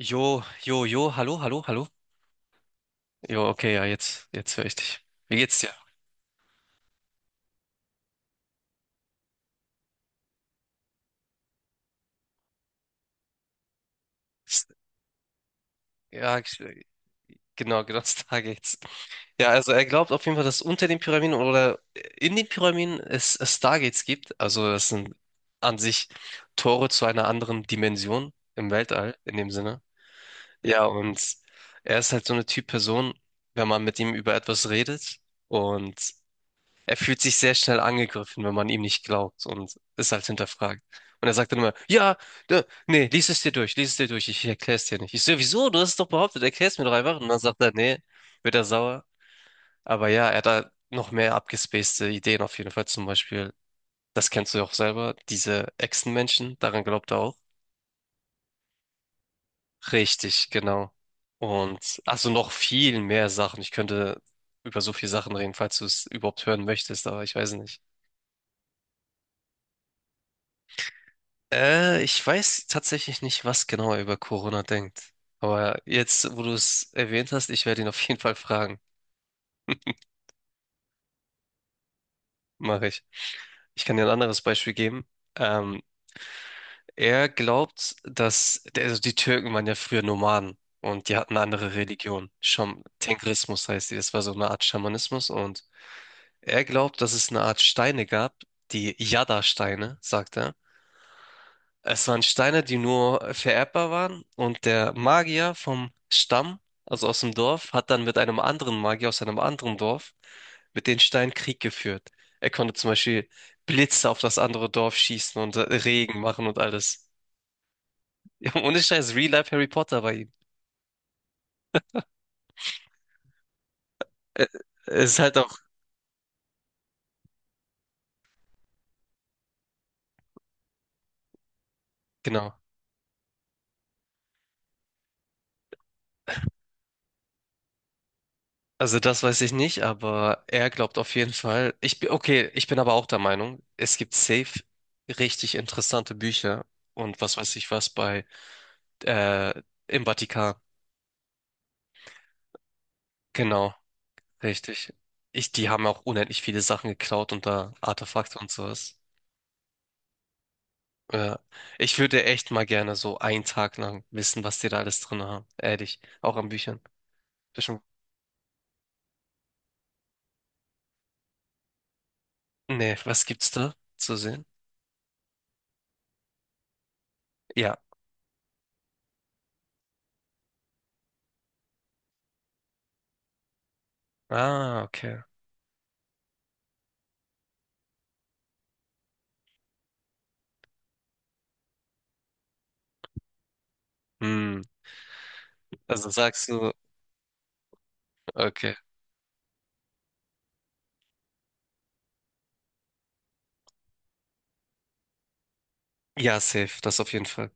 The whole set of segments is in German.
Jo, jo, jo, hallo, hallo, hallo. Jo, okay, ja, jetzt höre ich dich. Wie geht's dir? S- Ja, genau, genau, da geht's. Ja, also er glaubt auf jeden Fall, dass unter den Pyramiden oder in den Pyramiden es Stargates gibt. Also das sind an sich Tore zu einer anderen Dimension im Weltall, in dem Sinne. Ja, und er ist halt so eine Typ Person, wenn man mit ihm über etwas redet. Und er fühlt sich sehr schnell angegriffen, wenn man ihm nicht glaubt und es halt hinterfragt. Und er sagt dann immer, ja, da, nee, lies es dir durch, lies es dir durch, ich erkläre es dir nicht. Ich so, wieso? Du hast es doch behauptet, erklär es mir doch einfach. Und dann sagt er, nee, wird er sauer. Aber ja, er hat da noch mehr abgespacede Ideen auf jeden Fall. Zum Beispiel, das kennst du ja auch selber, diese Echsenmenschen, daran glaubt er auch. Richtig, genau. Und also noch viel mehr Sachen. Ich könnte über so viele Sachen reden, falls du es überhaupt hören möchtest, aber ich weiß nicht. Ich weiß tatsächlich nicht, was genau er über Corona denkt. Aber jetzt, wo du es erwähnt hast, ich werde ihn auf jeden Fall fragen. Mache ich. Ich kann dir ein anderes Beispiel geben. Ähm, er glaubt, dass, also die Türken waren ja früher Nomaden und die hatten eine andere Religion. Scham Tengrismus heißt die. Das war so eine Art Schamanismus und er glaubt, dass es eine Art Steine gab, die Yada-Steine, sagt er. Es waren Steine, die nur vererbbar waren und der Magier vom Stamm, also aus dem Dorf, hat dann mit einem anderen Magier aus einem anderen Dorf mit den Steinen Krieg geführt. Er konnte zum Beispiel Blitze auf das andere Dorf schießen und Regen machen und alles. Ja, ohne Scheiß, Real Life Harry Potter bei ihm. Ä- Es ist halt auch, genau. Also das weiß ich nicht, aber er glaubt auf jeden Fall. Ich bin, okay, ich bin aber auch der Meinung, es gibt safe richtig interessante Bücher und was weiß ich was bei äh, im Vatikan. Genau, richtig. Ich, die haben auch unendlich viele Sachen geklaut und da Artefakte und sowas. Ja. Ich würde echt mal gerne so einen Tag lang wissen, was die da alles drin haben. Ehrlich, auch an Büchern. Bestimmt. Nee, was gibt's da zu sehen? Ja. Ah, okay. Hm. Also sagst du, okay. Ja, safe, das auf jeden Fall.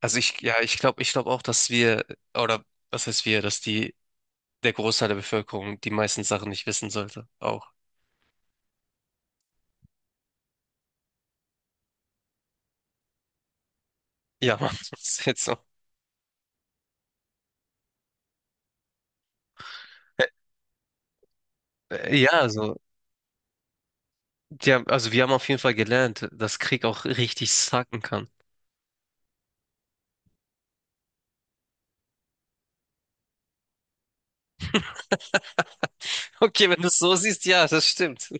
Also ich, ja, ich glaube auch, dass wir, oder was heißt wir, dass die, der Großteil der Bevölkerung die meisten Sachen nicht wissen sollte. Auch. Ja, Mann, das ist jetzt so. Ja, so, die haben, also wir haben auf jeden Fall gelernt, dass Krieg auch richtig sacken kann. Okay, wenn du es so siehst, ja, das stimmt.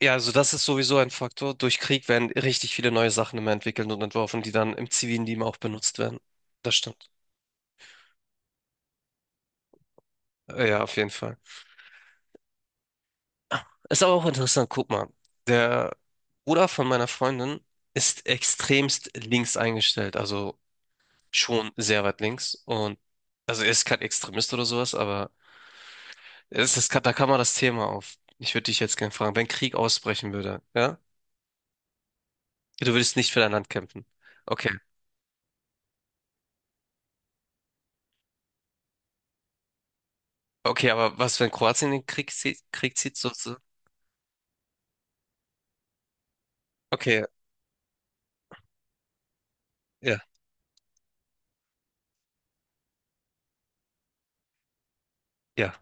Ja, also das ist sowieso ein Faktor. Durch Krieg werden richtig viele neue Sachen immer entwickelt und entworfen, die dann im zivilen Leben auch benutzt werden. Das stimmt. Ja, auf jeden Fall. Ist aber auch interessant, guck mal. Der Bruder von meiner Freundin ist extremst links eingestellt, also schon sehr weit links. Und also er ist kein Extremist oder sowas, aber es ist, da kann man das Thema auf. Ich würde dich jetzt gerne fragen, wenn Krieg ausbrechen würde, ja? Du würdest nicht für dein Land kämpfen. Okay, okay, aber was, wenn Kroatien den Krieg zieht, so, so? Okay, ja, ja.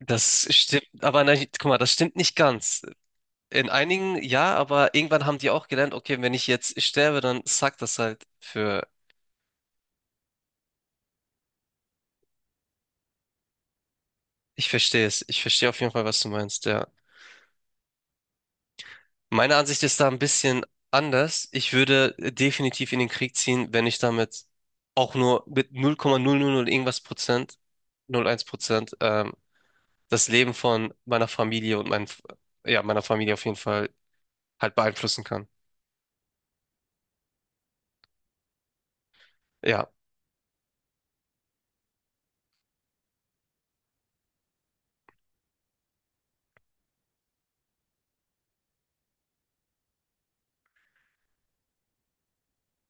Das stimmt, aber nein, guck mal, das stimmt nicht ganz. In einigen ja, aber irgendwann haben die auch gelernt, okay, wenn ich jetzt sterbe, dann sagt das halt für. Ich verstehe es. Ich verstehe auf jeden Fall, was du meinst, ja. Meine Ansicht ist da ein bisschen anders. Ich würde definitiv in den Krieg ziehen, wenn ich damit auch nur mit 0,000 irgendwas Prozent, 0,1%, das Leben von meiner Familie und mein, ja, meiner Familie auf jeden Fall halt beeinflussen kann. Ja,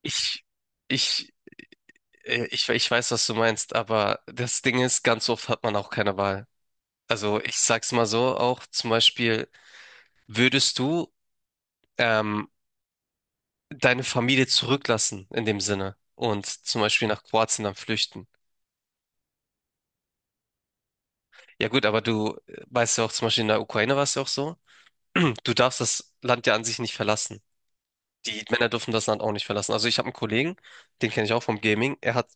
ich, ich, ich weiß, was du meinst, aber das Ding ist, ganz oft hat man auch keine Wahl. Also ich sag's mal so auch, zum Beispiel, würdest du ähm, deine Familie zurücklassen in dem Sinne und zum Beispiel nach Kroatien dann flüchten. Ja gut, aber du weißt ja auch, zum Beispiel in der Ukraine war es ja auch so, du darfst das Land ja an sich nicht verlassen. Die Männer dürfen das Land auch nicht verlassen. Also ich habe einen Kollegen, den kenne ich auch vom Gaming, er hat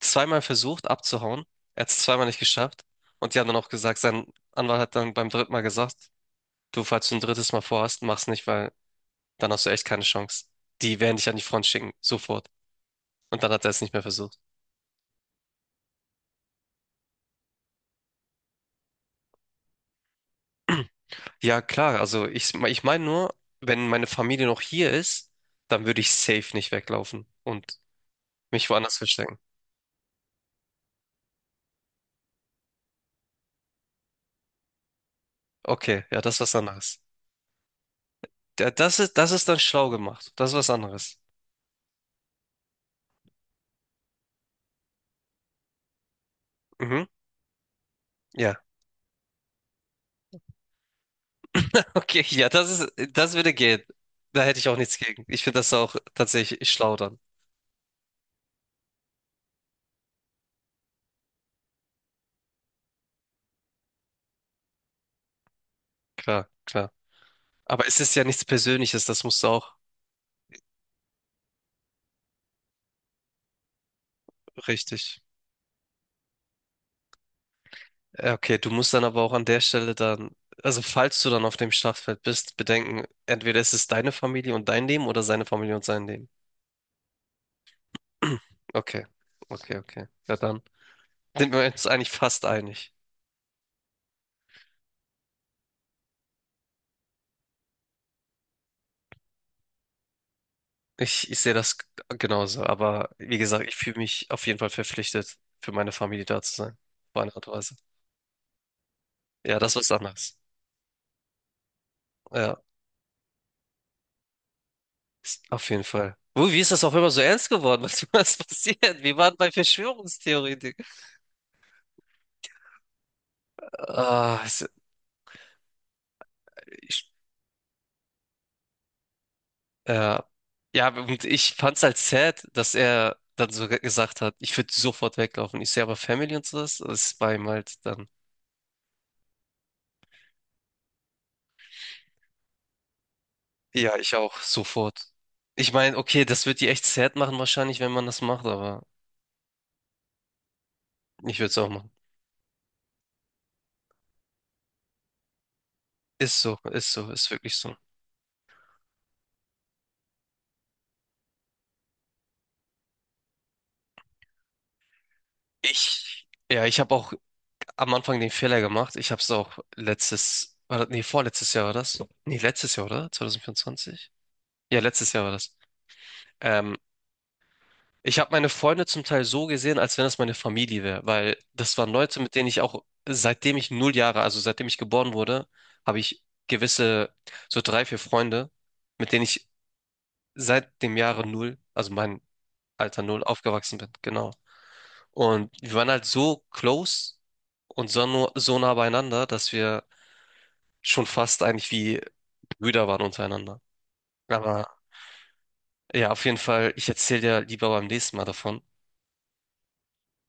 zweimal versucht abzuhauen, er hat es zweimal nicht geschafft und die haben dann auch gesagt, sein Anwalt hat dann beim dritten Mal gesagt, du, falls du ein drittes Mal vorhast, mach's nicht, weil dann hast du echt keine Chance. Die werden dich an die Front schicken, sofort. Und dann hat er es nicht mehr versucht. Ja, klar, also ich meine nur, wenn meine Familie noch hier ist, dann würde ich safe nicht weglaufen und mich woanders verstecken. Okay, ja, das ist was anderes. Das ist dann schlau gemacht. Das ist was anderes. Mhm, ja. Okay, ja, das ist, das würde gehen. Da hätte ich auch nichts gegen. Ich finde das auch tatsächlich schlau dann. Klar, klar. Aber es ist ja nichts Persönliches, das musst du auch richtig. Ja, okay, du musst dann aber auch an der Stelle dann, also falls du dann auf dem Schlachtfeld bist, bedenken, entweder ist es deine Familie und dein Leben oder seine Familie und sein Leben. Okay, okay, okay. Ja, dann sind wir uns eigentlich fast einig. Ich sehe das genauso, aber wie gesagt, ich fühle mich auf jeden Fall verpflichtet, für meine Familie da zu sein. Auf eine Art und Weise. Ja, das ist anders. Ja, auf jeden Fall. Wie ist das auch immer so ernst geworden? Was passiert? Wir waren bei Verschwörungstheorien. Ah, Ja, ja, und ich fand's halt sad, dass er dann so gesagt hat, ich würde sofort weglaufen. Ich sehe aber Family und so das ist bei ihm halt dann. Ja, ich auch, sofort. Ich meine, okay, das wird die echt sad machen wahrscheinlich, wenn man das macht, aber ich würde es auch machen. Ist so, ist so, ist wirklich so. Ich, ja, ich habe auch am Anfang den Fehler gemacht. Ich habe es auch letztes, war das, nee, vorletztes Jahr war das? Nee, letztes Jahr, oder? 2024? Ja, letztes Jahr war das. Ähm, Ich habe meine Freunde zum Teil so gesehen, als wenn das meine Familie wäre, weil das waren Leute, mit denen ich auch, seitdem ich 0 Jahre, also seitdem ich geboren wurde, habe ich gewisse, so drei, vier Freunde, mit denen ich seit dem Jahre null, also mein Alter null, aufgewachsen bin, genau. Und wir waren halt so close und so, so nah beieinander, dass wir schon fast eigentlich wie Brüder waren untereinander. Aber ja, auf jeden Fall, ich erzähle dir lieber beim nächsten Mal davon.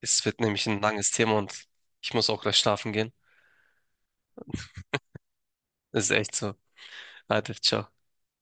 Es wird nämlich ein langes Thema und ich muss auch gleich schlafen gehen. Das ist echt so. Alter, ciao.